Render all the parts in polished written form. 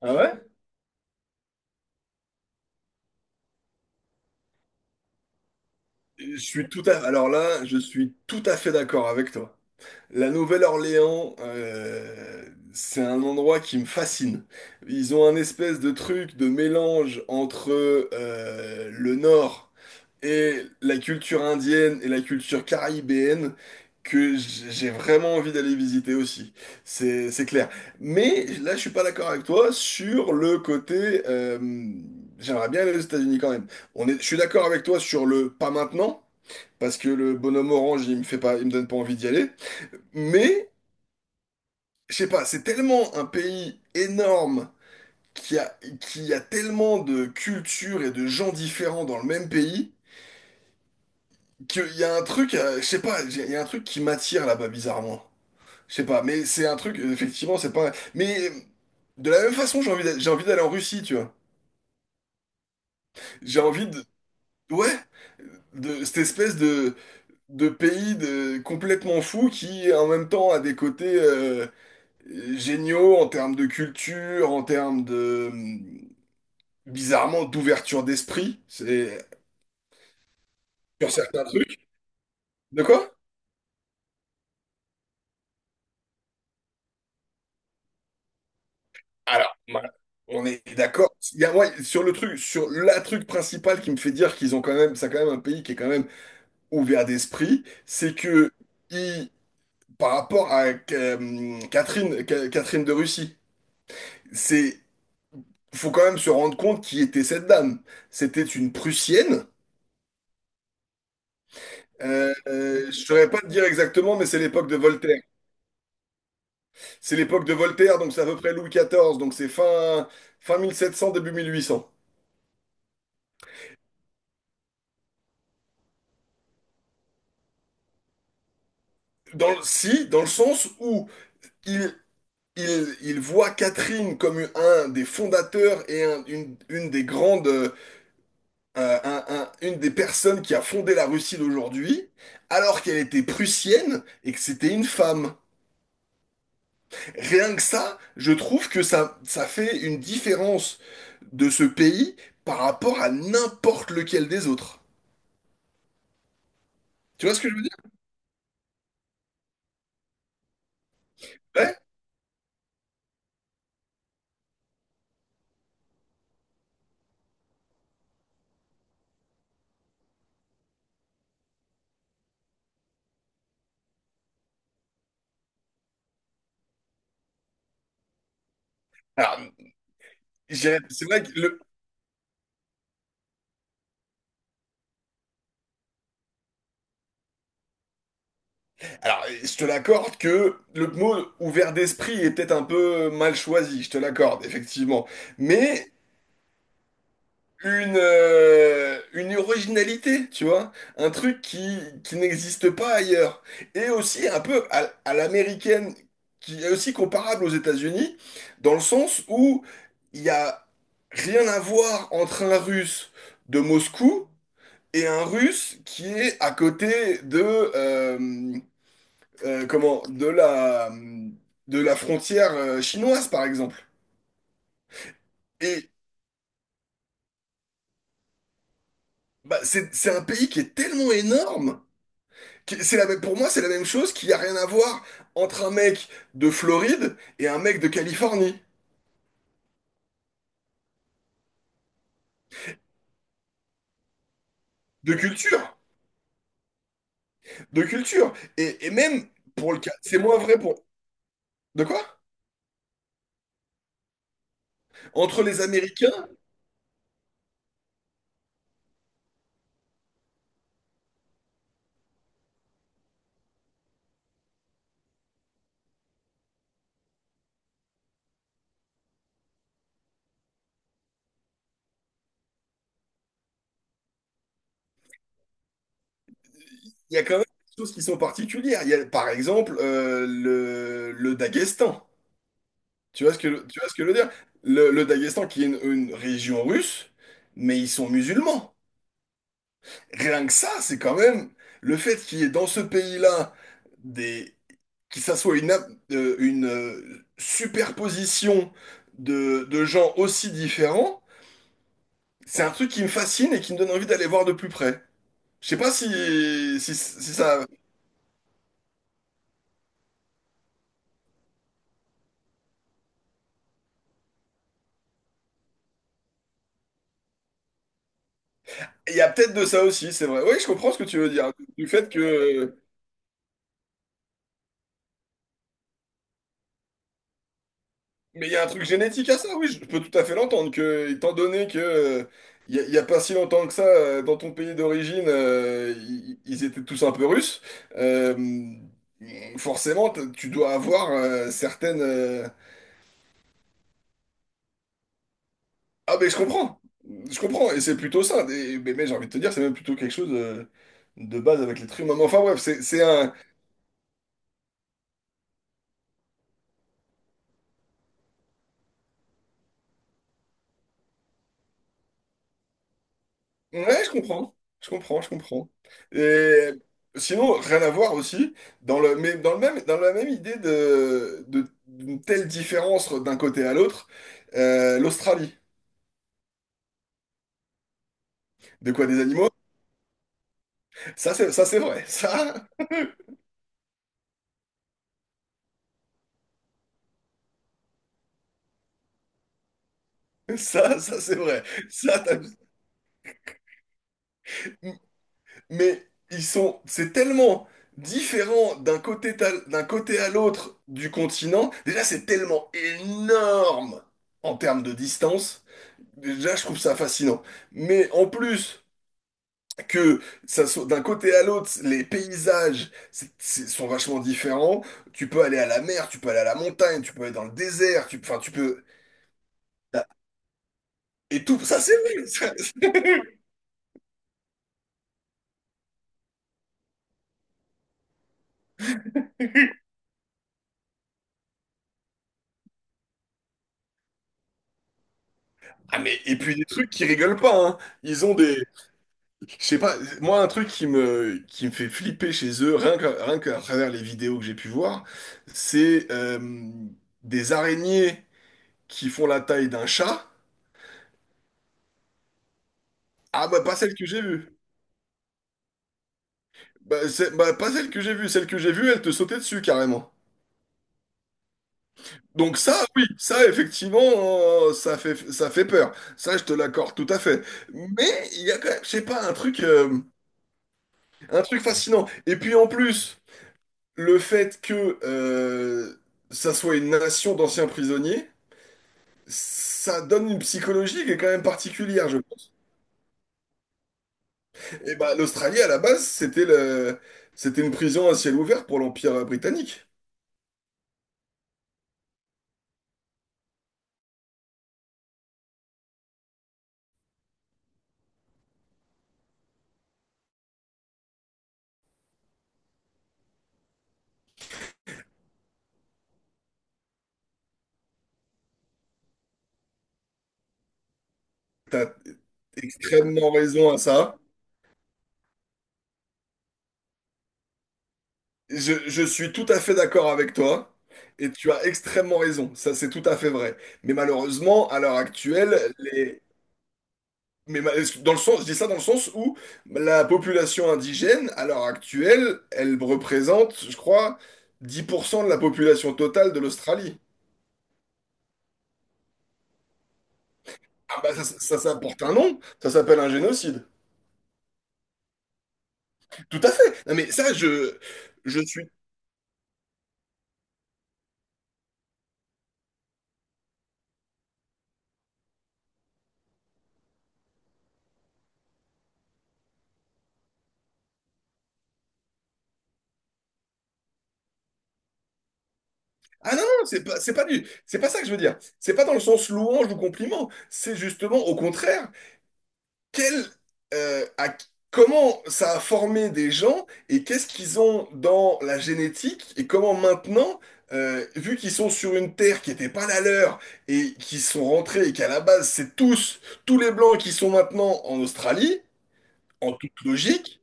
Ah ouais? Je suis tout à... Alors là, je suis tout à fait d'accord avec toi. La Nouvelle-Orléans, c'est un endroit qui me fascine. Ils ont un espèce de truc de mélange entre le Nord et la culture indienne et la culture caribéenne que j'ai vraiment envie d'aller visiter aussi. C'est clair. Mais là, je suis pas d'accord avec toi sur le côté, j'aimerais bien aller aux États-Unis quand même. On est, je suis d'accord avec toi sur le pas maintenant. Parce que le bonhomme orange, il me fait pas, il me donne pas envie d'y aller. Mais, je sais pas, c'est tellement un pays énorme qui a, qui a tellement de cultures et de gens différents dans le même pays qu'il y a un truc, je sais pas, il y a un truc qui m'attire là-bas bizarrement. Je sais pas, mais c'est un truc, effectivement, c'est pas. Mais de la même façon, j'ai envie d'aller en Russie, tu vois. J'ai envie de. Ouais, de cette espèce de pays de, complètement fou qui en même temps a des côtés géniaux en termes de culture, en termes de, bizarrement d'ouverture d'esprit c'est sur certains trucs. De quoi? Alors, on est d'accord. Il y a, ouais, sur le truc, sur la truc principal qui me fait dire qu'ils ont quand même, c'est quand même un pays qui est quand même ouvert d'esprit, c'est que ils- par rapport à Catherine, Catherine de Russie, c'est faut quand même se rendre compte qui était cette dame. C'était une Prussienne. Je saurais pas te dire exactement, mais c'est l'époque de Voltaire. C'est l'époque de Voltaire, donc c'est à peu près Louis XIV, donc c'est fin, fin 1700, début 1800. Dans le, si, dans le sens où il, il voit Catherine comme un des fondateurs et une des grandes, une des personnes qui a fondé la Russie d'aujourd'hui, alors qu'elle était prussienne et que c'était une femme. Rien que ça, je trouve que ça fait une différence de ce pays par rapport à n'importe lequel des autres. Tu vois ce que je veux dire? Ouais. Alors, c'est vrai que le... Alors, je te l'accorde que le mot ouvert d'esprit est peut-être un peu mal choisi, je te l'accorde, effectivement. Mais une originalité, tu vois, un truc qui n'existe pas ailleurs. Et aussi un peu à l'américaine, qui est aussi comparable aux États-Unis, dans le sens où il n'y a rien à voir entre un Russe de Moscou et un Russe qui est à côté de... euh, comment, de la frontière chinoise, par exemple. Et bah, c'est un pays qui est tellement énorme, que c'est la même, pour moi, c'est la même chose qu'il n'y a rien à voir entre un mec de Floride et un mec de Californie. De culture, de culture. Et même, pour le cas, c'est moins vrai pour... De quoi? Entre les Américains il y a quand même des choses qui sont particulières. Il y a, par exemple, le Daghestan. Tu vois ce que je veux dire? Le Daghestan qui est une région russe, mais ils sont musulmans. Rien que ça, c'est quand même le fait qu'il y ait dans ce pays-là des, que ça soit une, une superposition de gens aussi différents, c'est un truc qui me fascine et qui me donne envie d'aller voir de plus près. Je sais pas si, si, si ça, il y a peut-être de ça aussi, c'est vrai. Oui, je comprends ce que tu veux dire. Du fait que. Mais il y a un truc génétique à ça, oui, je peux tout à fait l'entendre. Que, étant donné que, il n'y a, il y a pas si longtemps que ça, dans ton pays d'origine, ils, ils étaient tous un peu russes, euh, forcément, tu dois avoir certaines, ah, mais je comprends. Je comprends. Et c'est plutôt ça. Mais j'ai envie de te dire, c'est même plutôt quelque chose de base avec l'être humain. Mais enfin, bref, c'est un. Ouais, je comprends. Je comprends. Et sinon, rien à voir aussi, dans le, mais dans le même, dans la même idée de, d'une telle différence d'un côté à l'autre, l'Australie. De quoi des animaux? Ça, c'est vrai. Ça, ça, c'est vrai. Ça, mais ils sont, c'est tellement différent d'un côté, d'un côté à l'autre du continent. Déjà, c'est tellement énorme en termes de distance. Déjà, je trouve ça fascinant. Mais en plus que ça soit d'un côté à l'autre, les paysages sont vachement différents. Tu peux aller à la mer, tu peux aller à la montagne, tu peux aller dans le désert, tu, enfin, tu peux. Et tout, ça c'est vrai. Ah mais et puis des trucs qui rigolent pas, hein. Ils ont des, je sais pas, moi un truc qui me fait flipper chez eux, rien que, rien qu'à travers les vidéos que j'ai pu voir, c'est des araignées qui font la taille d'un chat. Ah bah pas celle que j'ai vue. Bah, pas celle que j'ai vue, celle que j'ai vue, elle te sautait dessus carrément. Donc ça, oui, ça effectivement, ça fait peur. Ça, je te l'accorde tout à fait. Mais il y a quand même, je sais pas, un truc fascinant. Et puis en plus... le fait que ça soit une nation d'anciens prisonniers, ça donne une psychologie qui est quand même particulière, je pense. Et bah, l'Australie, à la base, c'était le... c'était une prison à ciel ouvert pour l'Empire britannique. T'as extrêmement raison à ça. Je suis tout à fait d'accord avec toi. Et tu as extrêmement raison, ça c'est tout à fait vrai. Mais malheureusement, à l'heure actuelle, les, Mais ma- dans le sens, je dis ça dans le sens où la population indigène, à l'heure actuelle, elle représente, je crois, 10% de la population totale de l'Australie. Ah bah ça, ça, ça porte un nom, ça s'appelle un génocide. Tout à fait. Non mais ça, je suis. Ah non, non, c'est pas du, c'est pas ça que je veux dire. C'est pas dans le sens louange ou compliment. C'est justement au contraire. Quel, euh, à- comment ça a formé des gens et qu'est-ce qu'ils ont dans la génétique et comment maintenant, vu qu'ils sont sur une terre qui n'était pas la leur et qui sont rentrés et qu'à la base tous les Blancs qui sont maintenant en Australie, en toute logique,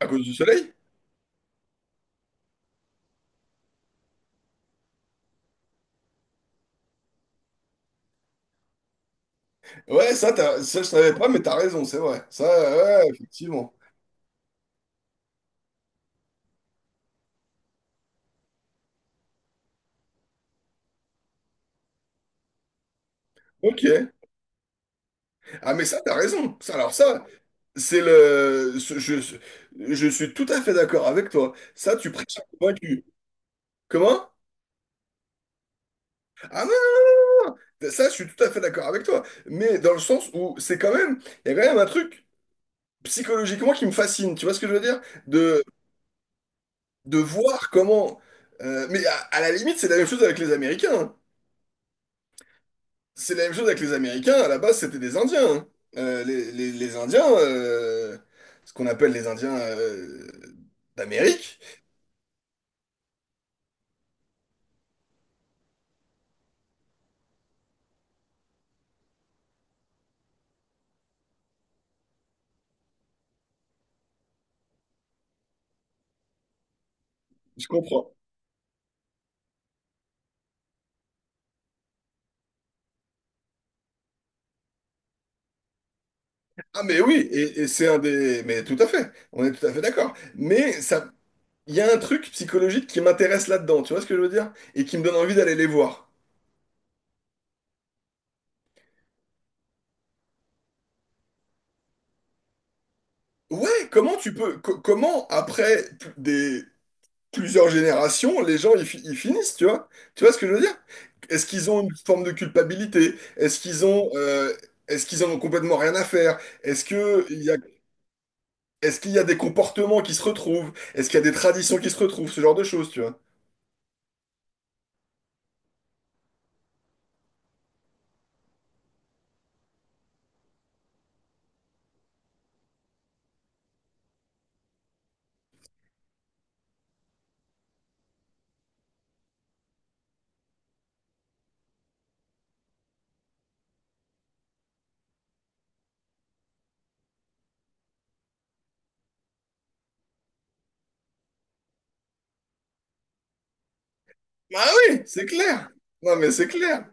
à cause du soleil. Ouais, ça, ça je savais pas, mais t'as raison, c'est vrai. Ça, ouais, effectivement. Ok. Ah, mais ça, t'as raison. Ça, alors ça. C'est le. Je suis tout à fait d'accord avec toi. Ça, tu prêches un convaincu. Comment? Ah non, ça, je suis tout à fait d'accord avec toi. Mais dans le sens où c'est quand même. Il y a quand même un truc psychologiquement qui me fascine. Tu vois ce que je veux dire? De, de voir comment, mais à la limite, c'est la même chose avec les Américains, hein. C'est la même chose avec les Américains. À la base, c'était des Indiens, hein. Les Indiens, ce qu'on appelle les Indiens d'Amérique. Je comprends. Ah mais oui, et c'est un des... Mais tout à fait, on est tout à fait d'accord. Mais ça, il y a un truc psychologique qui m'intéresse là-dedans, tu vois ce que je veux dire? Et qui me donne envie d'aller les voir. Ouais, comment tu peux... comment après des... plusieurs générations, les gens, ils, ils finissent, tu vois? Tu vois ce que je veux dire? Est-ce qu'ils ont une forme de culpabilité? Est-ce qu'ils ont... est-ce qu'ils en ont complètement rien à faire? Est-ce que il y a, est-ce qu'il y a des comportements qui se retrouvent? Est-ce qu'il y a des traditions qui se retrouvent? Ce genre de choses, tu vois. Bah oui, c'est clair. Non, mais c'est clair.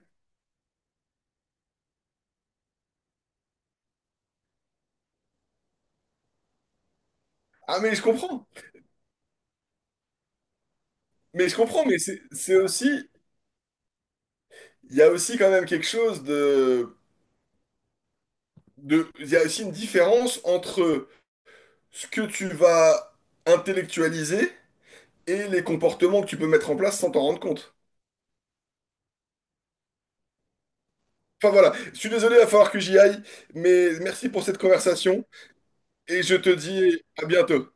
Ah, mais je comprends. Mais je comprends, mais c'est aussi. Il y a aussi quand même quelque chose de, de. Il y a aussi une différence entre ce que tu vas intellectualiser et les comportements que tu peux mettre en place sans t'en rendre compte. Enfin voilà, je suis désolé, il va falloir que j'y aille, mais merci pour cette conversation et je te dis à bientôt.